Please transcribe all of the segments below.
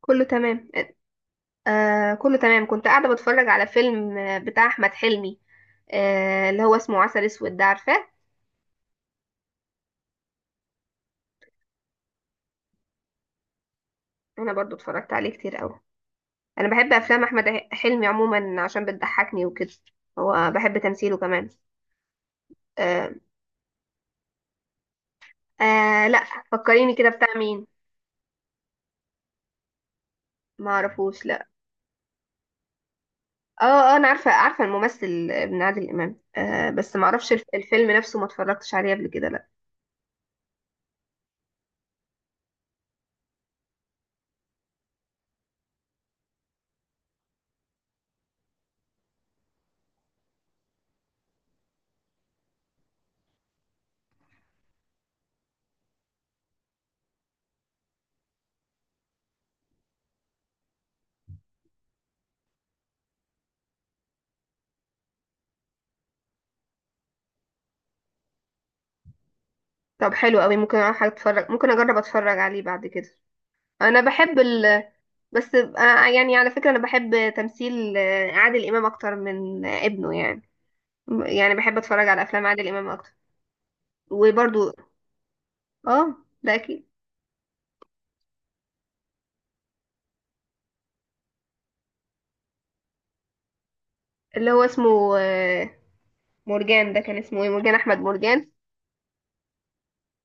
كله تمام. آه، كله تمام، كنت قاعدة بتفرج على فيلم، بتاع أحمد حلمي. آه، اللي هو اسمه عسل أسود ده، عارفاه؟ أنا برضو اتفرجت عليه كتير أوي. أنا بحب أفلام أحمد حلمي عموما، عشان بتضحكني وكده. هو بحب تمثيله كمان. آه. آه لا. فكريني كده بتاع مين؟ ما اعرفوش، لا. اه، انا عارفه الممثل ابن عادل امام، آه، بس ما اعرفش الفيلم نفسه، ما اتفرجتش عليه قبل كده، لا. طب حلو قوي، ممكن اروح اتفرج، ممكن اجرب اتفرج عليه بعد كده. انا بحب ال بس يعني على فكرة أنا بحب تمثيل عادل إمام أكتر من ابنه، يعني. يعني بحب أتفرج على أفلام عادل إمام أكتر. وبرضو آه، ده أكيد. اللي هو اسمه مرجان، ده كان اسمه إيه؟ مرجان أحمد مرجان.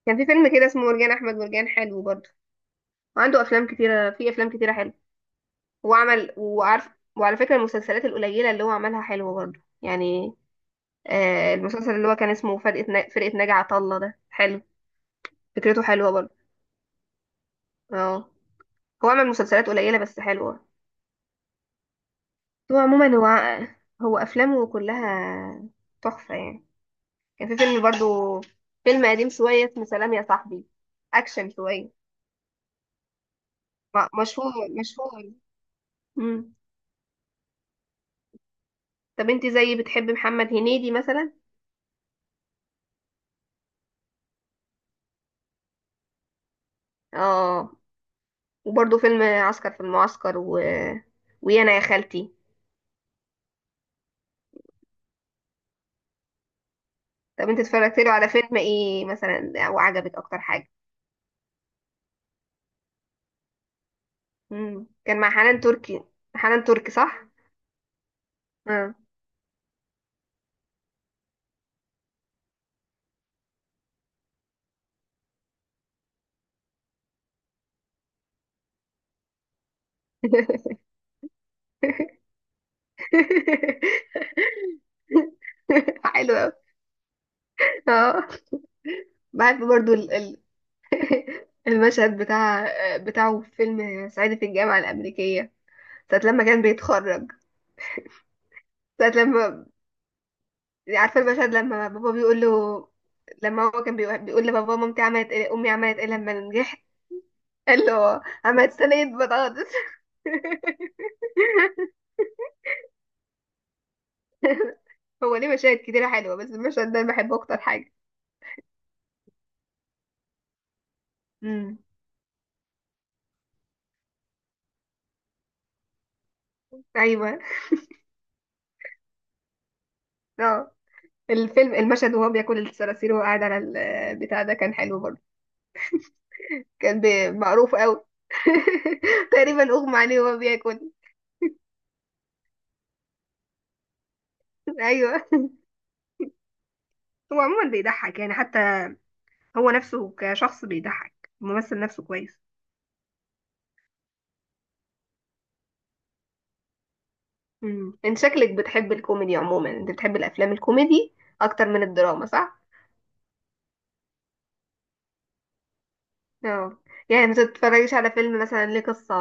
كان في فيلم كده اسمه مرجان أحمد مرجان حلو برضو. وعنده أفلام كتيرة، في أفلام كتيرة حلوة. وعمل وعارف. وعلى فكرة، المسلسلات القليلة اللي هو عملها حلوة برضو يعني. المسلسل اللي هو كان اسمه فرقة فرقة ناجي عطا الله ده حلو. فكرته حلوة برضو. اه. هو عمل مسلسلات قليلة بس حلوة. هو عموما هو، هو أفلامه كلها تحفة يعني. كان في فيلم برضو، فيلم قديم شوية اسمه سلام يا صاحبي، أكشن شوية. مشهور، مشهور. مم. طب انت زي بتحب محمد هنيدي مثلا؟ اه. وبرضو فيلم عسكر في المعسكر و... ويانا يا خالتي. طب انت اتفرجت له على فيلم ايه مثلا وعجبك اكتر حاجة؟ مم، كان مع حنان تركي. حنان تركي صح؟ اه. حلو أوي. اه. بحب برضو المشهد بتاع، بتاعه في فيلم صعيدي في الجامعة الأمريكية، ساعة لما كان بيتخرج. ساعة لما، عارفة المشهد لما بابا بيقول له، لما هو كان بيقول، بيقول لبابا مامتي عملت ايه، أمي عملت ايه لما نجحت؟ قال له عملت صينية بطاطس. هو ليه مشاهد كتيرة حلوة، بس المشهد ده أنا بحبه أكتر حاجة. امم. أيوه. اه. الفيلم، المشهد وهو بياكل الصراصير وهو قاعد على البتاع ده، كان حلو برضه. كان معروف قوي. تقريبا اغمى عليه وهو بياكل. ايوه. هو عموما بيضحك يعني، حتى هو نفسه كشخص بيضحك، الممثل نفسه كويس. امم، انت شكلك بتحب الكوميدي عموما، انت بتحب الافلام الكوميدي اكتر من الدراما صح؟ اه يعني، ما تتفرجيش على فيلم مثلا ليه قصة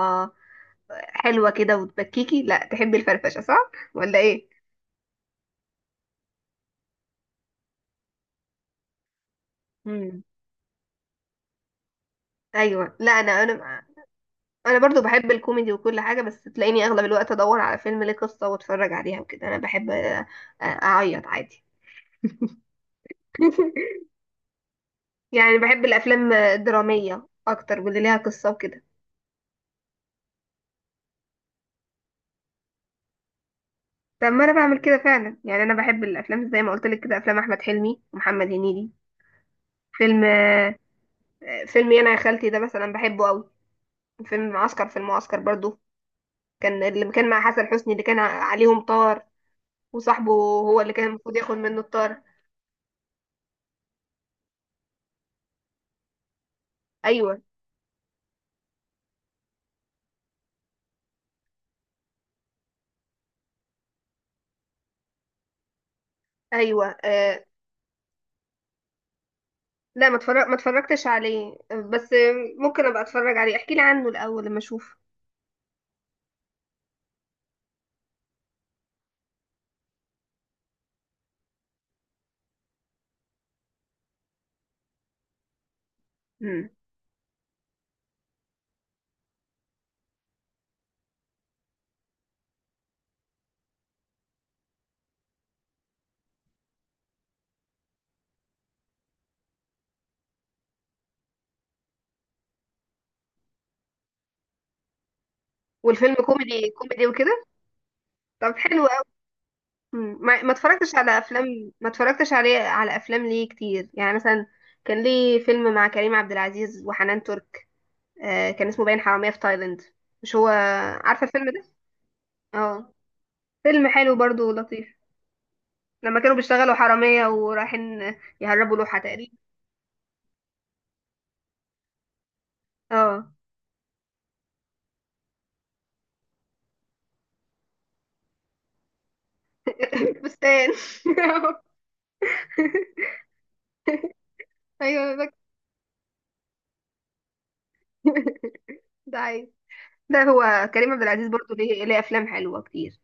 حلوة كده وتبكيكي؟ لا تحبي الفرفشة صح ولا ايه؟ امم. ايوه. لا انا، انا برضو بحب الكوميدي وكل حاجه، بس تلاقيني اغلب الوقت ادور على فيلم ليه قصه واتفرج عليها وكده. انا بحب اعيط عادي. يعني بحب الافلام الدراميه اكتر، واللي ليها قصه وكده. طب ما انا بعمل كده فعلا يعني، انا بحب الافلام زي ما قلت لك كده، افلام احمد حلمي ومحمد هنيدي. فيلم فيلم انا يا خالتي ده مثلا بحبه قوي. فيلم معسكر في المعسكر برضو، كان اللي كان مع حسن حسني، اللي كان عليهم طار، وصاحبه هو اللي كان المفروض ياخد منه الطار. ايوه. ايوه. لا، ما اتفرجتش عليه، بس ممكن ابقى اتفرج عليه، احكي لي عنه الاول لما اشوف. امم. والفيلم كوميدي، كوميدي وكده. طب حلو قوي. ما ما اتفرجتش على افلام ما اتفرجتش عليه على افلام ليه كتير يعني، مثلا كان ليه فيلم مع كريم عبد العزيز وحنان ترك، آه، كان اسمه باين حرامية في تايلاند، مش هو؟ عارفة الفيلم ده؟ اه. فيلم حلو برضو ولطيف. لما كانوا بيشتغلوا حرامية ورايحين يهربوا لوحة تقريبا. اه. فستان. ايوه أنا فاكرة. ده عيب. ده هو كريم عبد العزيز برضو ليه، ليه افلام حلوه كتير.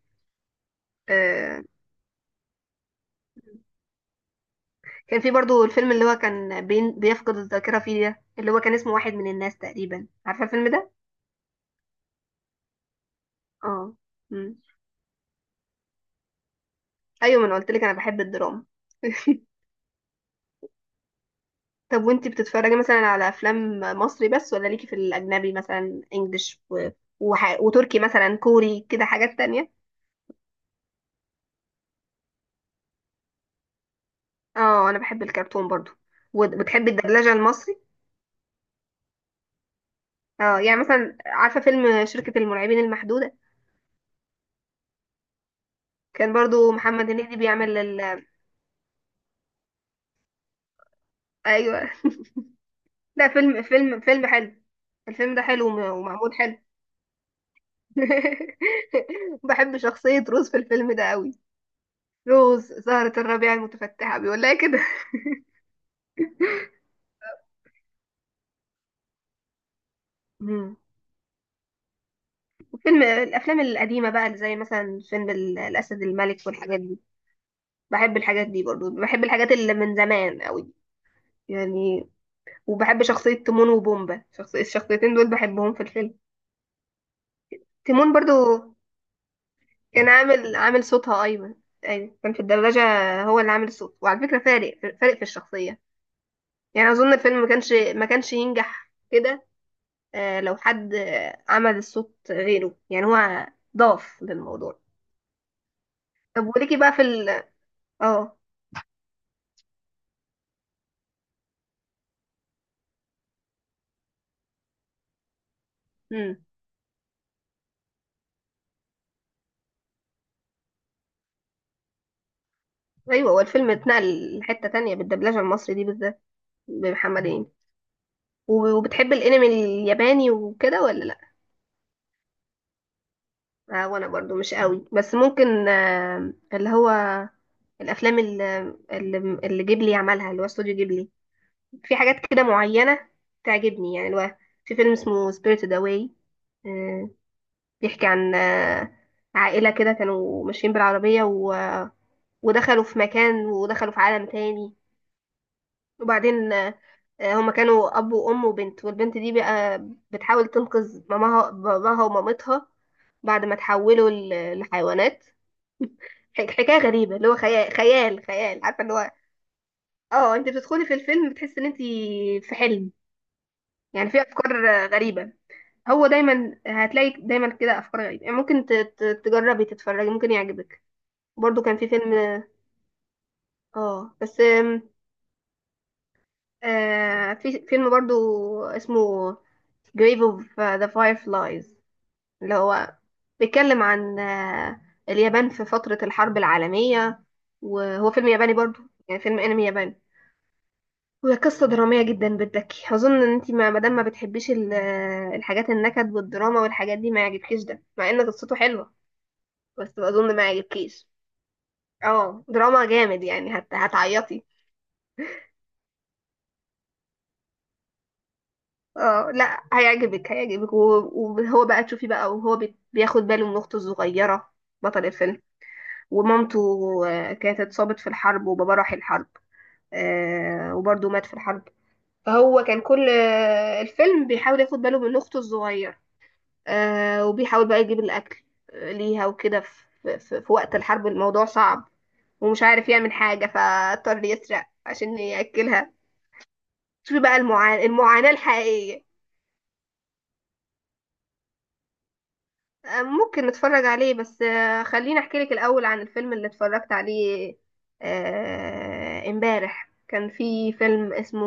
آه. كان في برضو الفيلم اللي هو كان بين بيفقد الذاكره فيه ده، اللي هو كان اسمه واحد من الناس تقريبا، عارفه الفيلم ده؟ اه. مم. ايوه، ما انا قلت لك انا بحب الدراما. طب وانتي بتتفرجي مثلا على افلام مصري بس، ولا ليكي في الاجنبي مثلا انجليش و... وتركي مثلا، كوري كده حاجات تانية؟ اه، انا بحب الكرتون برضو. وبتحبي الدبلجه المصري؟ اه يعني، مثلا عارفه فيلم شركه المرعبين المحدوده؟ كان برضو محمد هنيدي بيعمل ال... ايوه. لا فيلم، فيلم حلو، الفيلم ده حلو ومعمول حلو. بحب شخصية روز في الفيلم ده قوي. روز زهرة الربيع المتفتحة، بيقول لها كده. مم. وفيلم، الأفلام القديمة بقى اللي زي مثلا فيلم الأسد الملك والحاجات دي. بحب الحاجات دي برضو، بحب الحاجات اللي من زمان قوي يعني. وبحب شخصية تيمون وبومبا، شخصية الشخصيتين دول بحبهم في الفيلم. تيمون برضو كان عامل، عامل صوتها ايمن. ايوه كان في الدبلجه، هو اللي عامل الصوت، وعلى فكره فارق، فارق في الشخصيه يعني. اظن الفيلم ما كانش ينجح كده لو حد عمل الصوت غيره، يعني هو ضاف للموضوع. طب وليكي بقى في ال، اه. امم. ايوه، هو الفيلم اتنقل لحته تانية بالدبلجه المصري دي بالذات، بمحمد هنيدي. وبتحب الانمي الياباني وكده ولا لا؟ آه، وانا برضو مش قوي، بس ممكن اللي هو الافلام اللي جيبلي عملها، اللي هو استوديو جيبلي، في حاجات كده معينه تعجبني يعني. اللي هو في فيلم اسمه سبيريتد اواي، بيحكي عن عائله كده كانوا ماشيين بالعربيه ودخلوا في مكان، ودخلوا في عالم تاني. وبعدين هما كانوا اب وام وبنت، والبنت دي بقى بتحاول تنقذ ماماها، باباها ومامتها، بعد ما تحولوا لحيوانات. حكايه غريبه، اللي هو خيال، خيال، عارفه اللي هو، اه، انت بتدخلي في الفيلم بتحسي ان انت في حلم. يعني في افكار غريبة. هو دايما هتلاقي دايما كده افكار غريبة يعني، ممكن تجربي تتفرجي، ممكن يعجبك. برضو كان في فيلم، اه بس آه في فيلم برضو اسمه Grave of the Fireflies، اللي هو بيتكلم عن اليابان في فترة الحرب العالمية، وهو فيلم ياباني برضو، يعني فيلم انمي ياباني. هي قصة درامية جدا بتبكي، أظن إن أنتي ما مادام ما بتحبيش الحاجات النكد والدراما والحاجات دي ما يعجبكيش، ده مع إن قصته حلوة. بس أظن ما يعجبكيش. اه دراما جامد يعني، هتعيطي. اه لا هيعجبك. وهو بقى تشوفي بقى، وهو بياخد باله من أخته الصغيرة، بطل الفيلم. ومامته كانت اتصابت في الحرب، وبابا راح الحرب وبرضه مات في الحرب. فهو كان كل الفيلم بيحاول ياخد باله من أخته الصغيرة، آه، وبيحاول بقى يجيب الأكل ليها وكده. في وقت الحرب الموضوع صعب، ومش عارف يعمل حاجة، فاضطر يسرق عشان يأكلها. شوفي بقى المعاناة، المعاناة الحقيقية. آه ممكن نتفرج عليه، بس آه خليني أحكي لك الأول عن الفيلم اللي اتفرجت عليه امبارح. كان في فيلم اسمه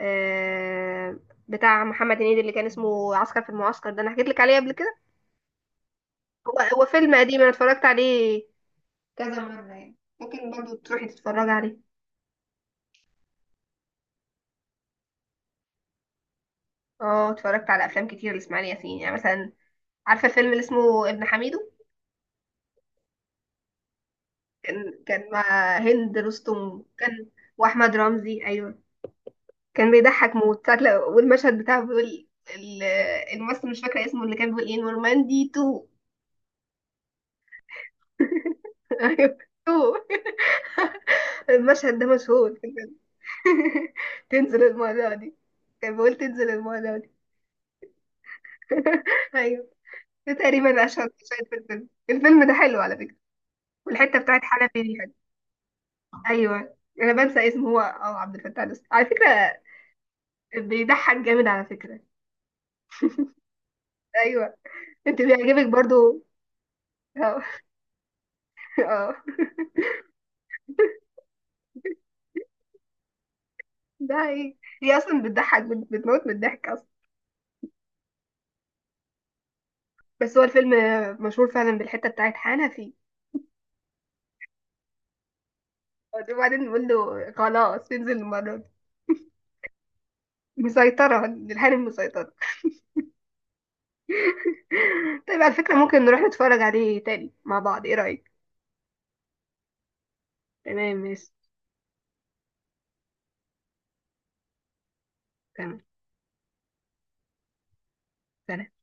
آه، بتاع محمد هنيدي، اللي كان اسمه عسكر في المعسكر ده، أنا حكيت لك عليه قبل كده. هو، هو فيلم قديم أنا اتفرجت عليه كذا مرة يعني، ممكن برضو تروحي تتفرجي عليه. اه اتفرجت على افلام كتير لاسماعيل ياسين يعني، مثلا عارفة الفيلم اللي اسمه ابن حميدو؟ كان مع هند رستم، كان. واحمد رمزي، ايوه. كان بيضحك موت ساعة والمشهد بتاعه بيقول ال- الممثل، مش فاكرة اسمه، اللي كان بيقول ايه نورماندي تو. ايوه، تو. المشهد ده مشهور. تنزل المرة دي. كان بيقول تنزل المرة دي. ايوه. ده تقريبا اشهر مشاهد في الفيلم. الفيلم ده حلو على فكرة. والحته بتاعت حنفي دي حلوة. ايوه. انا بنسى اسمه، هو اه عبد الفتاح الأسطوري على فكره. بيضحك جامد على فكره. ايوه. انت بيعجبك برضو. اه. اه. ده هي، هي اصلا بتضحك، بتموت من الضحك اصلا. بس هو الفيلم مشهور فعلا بالحته بتاعت حنفي، وبعدين بيقول له خلاص انزل المره دي. مسيطره، الحنفي مسيطره. طيب على فكره ممكن نروح نتفرج عليه تاني مع بعض، ايه رايك؟ تمام ماشي. تمام. سلام.